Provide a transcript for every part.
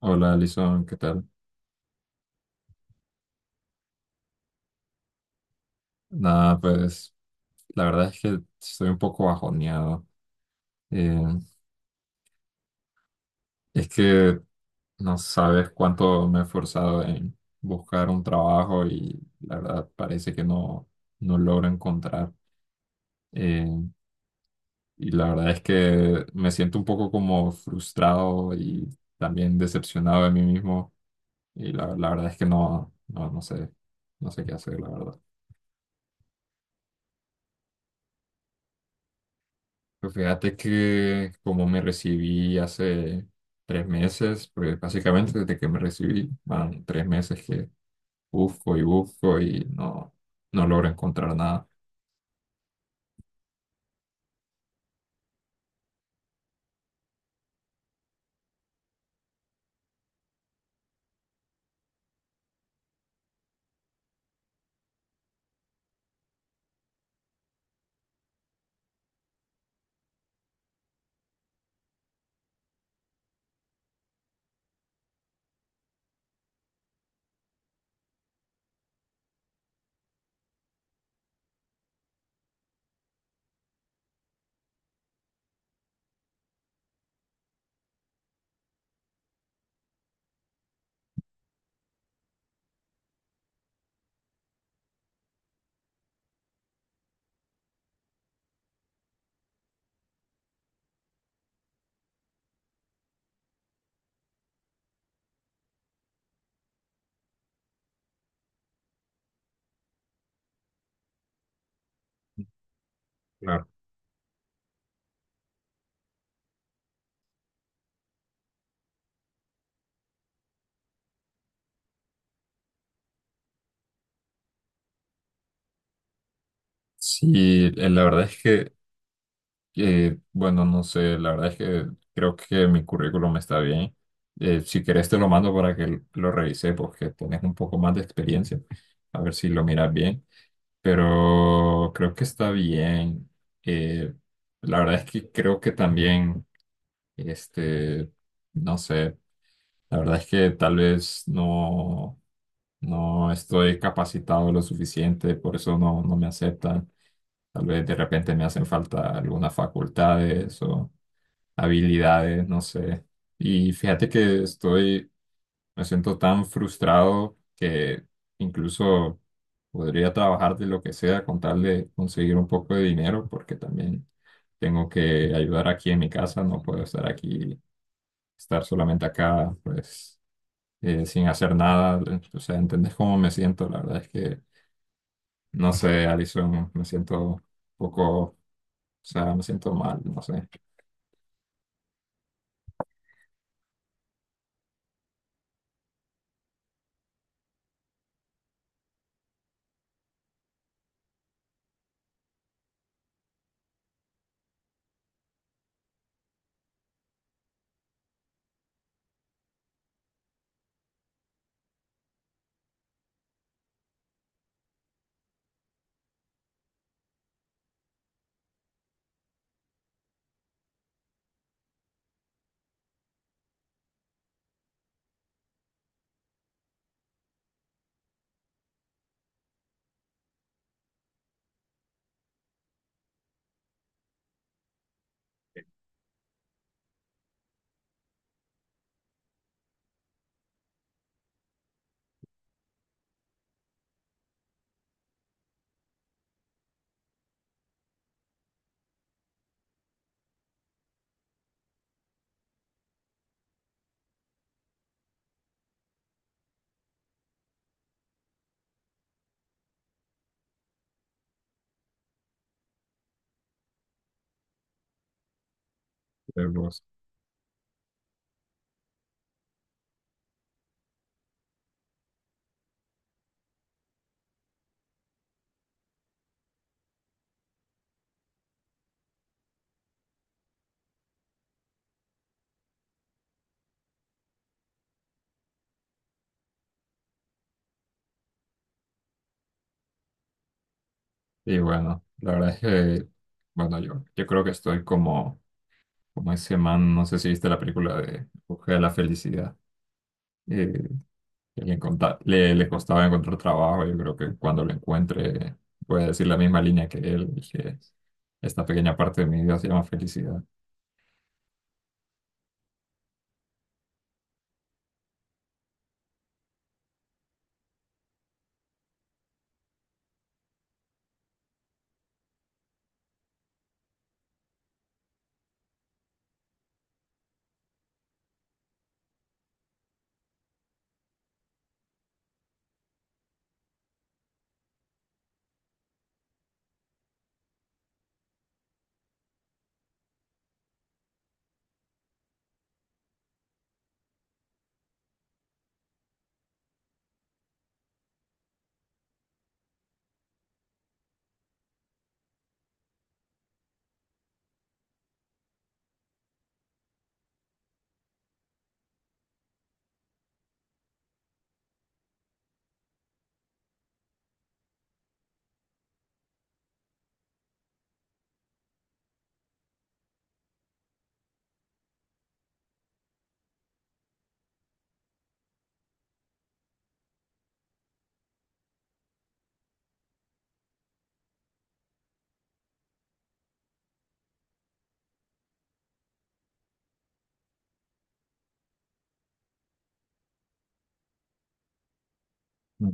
Hola, Alison, ¿qué tal? Nada, pues la verdad es que estoy un poco bajoneado. Eh, es que no sabes cuánto me he esforzado en buscar un trabajo y la verdad parece que no logro encontrar. Eh, y la verdad es que me siento un poco como frustrado y también decepcionado de mí mismo. Y la verdad es que no sé, no sé qué hacer, la verdad. Pues fíjate que como me recibí hace 3 meses, pues básicamente desde que me recibí, van 3 meses que busco y busco y no logro encontrar nada. Claro. Sí, la verdad es que bueno, no sé, la verdad es que creo que mi currículum está bien. Si quieres te lo mando para que lo revise porque tienes un poco más de experiencia. A ver si lo miras bien. Pero creo que está bien. Eh, la verdad es que creo que también... Este, no sé, la verdad es que tal vez no estoy capacitado lo suficiente, por eso no me aceptan. Tal vez de repente me hacen falta algunas facultades o habilidades, no sé. Y me siento tan frustrado que incluso podría trabajar de lo que sea con tal de conseguir un poco de dinero, porque también tengo que ayudar aquí en mi casa, no puedo estar solamente acá, pues, sin hacer nada, o sea, ¿entendés cómo me siento? La verdad es que, no sé, Alison, me siento un poco, o sea, me siento mal, no sé. Pero, y bueno, la verdad es que, bueno, yo creo que estoy como, como ese man, no sé si viste la película de En Busca de la Felicidad. eh, que le costaba encontrar trabajo. Yo creo que cuando lo encuentre voy a decir la misma línea que él, y que esta pequeña parte de mi vida se llama felicidad. Y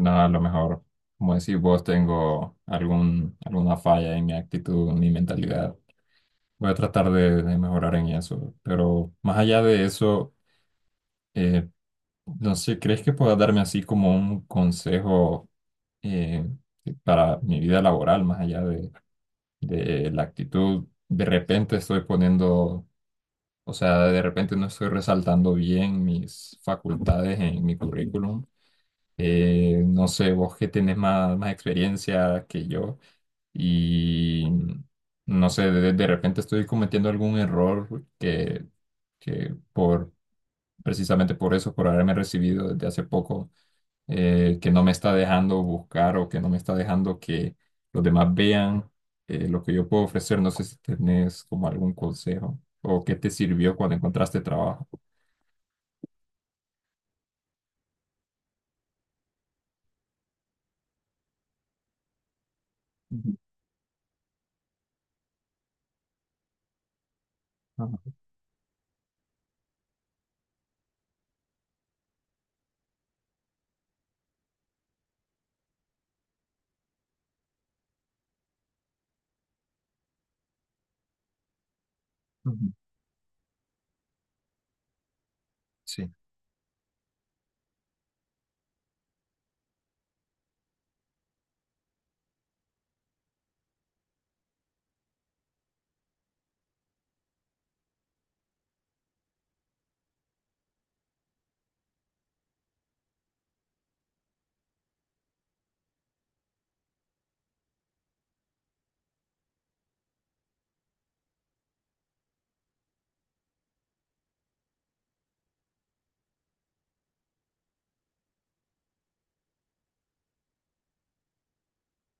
nada, a lo mejor, como decís vos, tengo alguna falla en mi actitud, en mi mentalidad. Voy a tratar de mejorar en eso. Pero más allá de eso, eh, no sé, ¿crees que puedas darme así como un consejo eh, para mi vida laboral, más allá de la actitud? De repente estoy poniendo, o sea, de repente no estoy resaltando bien mis facultades en mi currículum. No sé, vos que tenés más experiencia que yo y no sé, de repente estoy cometiendo algún error que por, precisamente por eso, por haberme recibido desde hace poco, que no me está dejando buscar o que no me está dejando que los demás vean lo que yo puedo ofrecer. No sé si tenés como algún consejo o qué te sirvió cuando encontraste trabajo. Ujú, ajá, ujú, sí,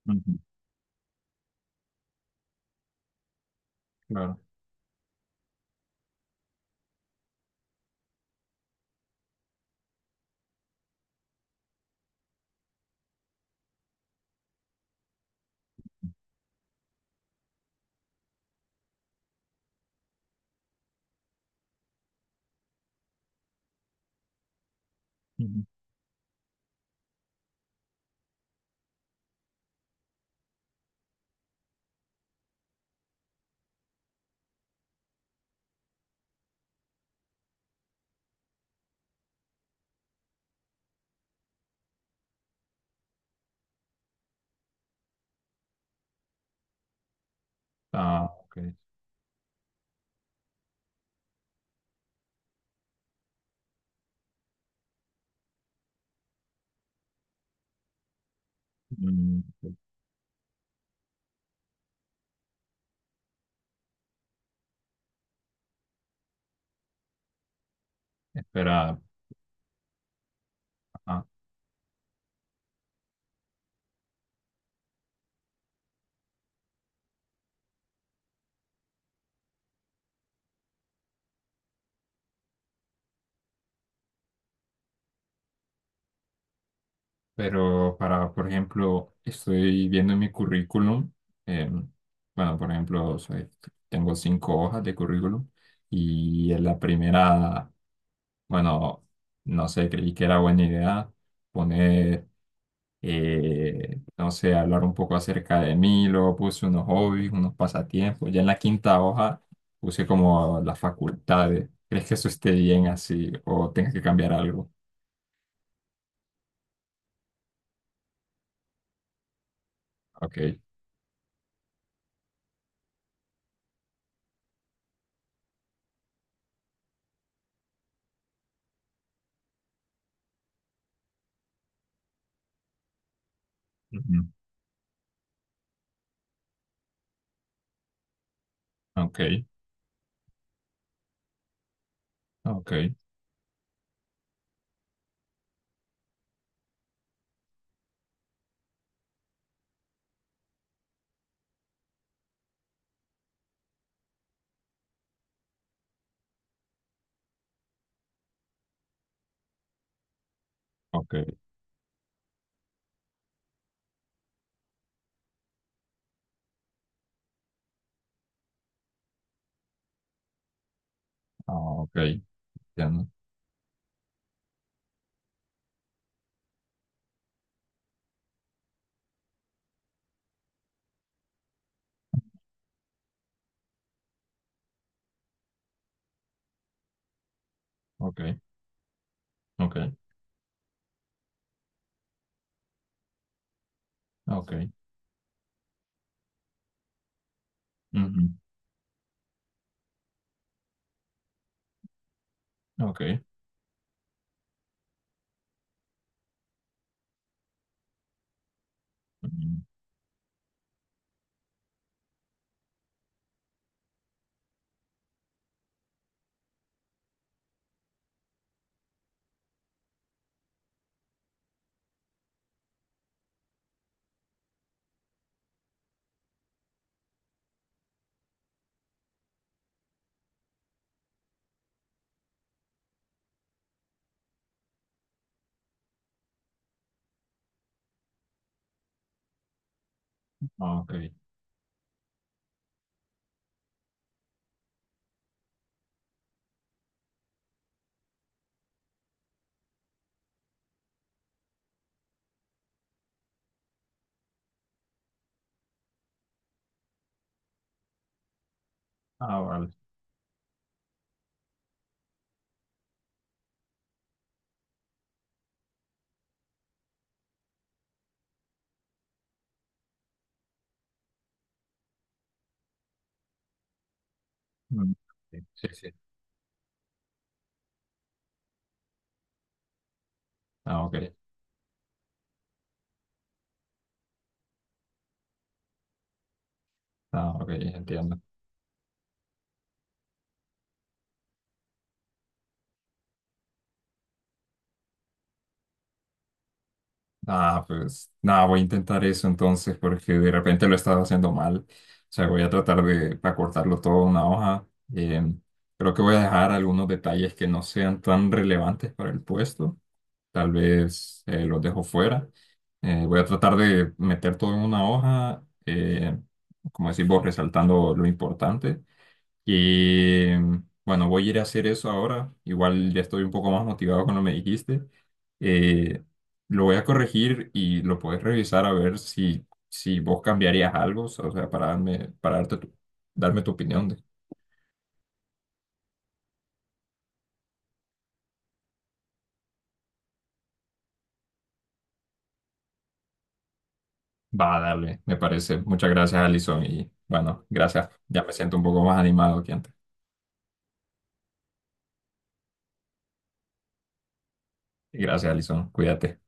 ujú, claro. Ujú. Ah, ok. Mm, esperada. Ajá. Pero para, por ejemplo, estoy viendo en mi currículum, em, bueno, por ejemplo, tengo 5 hojas de currículum y en la primera, bueno, no sé, creí que era buena idea poner, no sé, hablar un poco acerca de mí, luego puse unos hobbies, unos pasatiempos, ya en la 5.ª hoja puse como las facultades. ¿Crees que eso esté bien así o tengas que cambiar algo? Ok. Ujú, ok. Ok. Ok. Ah, ok. Entiendo. Ok. Ok. Ok. Ujú, ok. Ujú, ah, ok. Ah, vale. Mm, sí, sí, sí. Ah, ok. Ah, ok. Entiendo. Ah, pues nada, voy a intentar eso entonces porque de repente lo he estado haciendo mal. O sea, voy a tratar de acortarlo todo a una hoja. em, Creo que voy a dejar algunos detalles que no sean tan relevantes para el puesto. Tal vez los dejo fuera. Voy a tratar de meter todo en una hoja, como decís vos, resaltando lo importante. Y bueno, voy a ir a hacer eso ahora. Igual ya estoy un poco más motivado con lo que me dijiste. Eh, lo voy a corregir y lo puedes revisar a ver si vos cambiarías algo, o sea, para darme tu opinión. De... Va, dale, me parece. Muchas gracias, Alison. Y bueno, gracias. Ya me siento un poco más animado que antes. Gracias, Alison. Cuídate.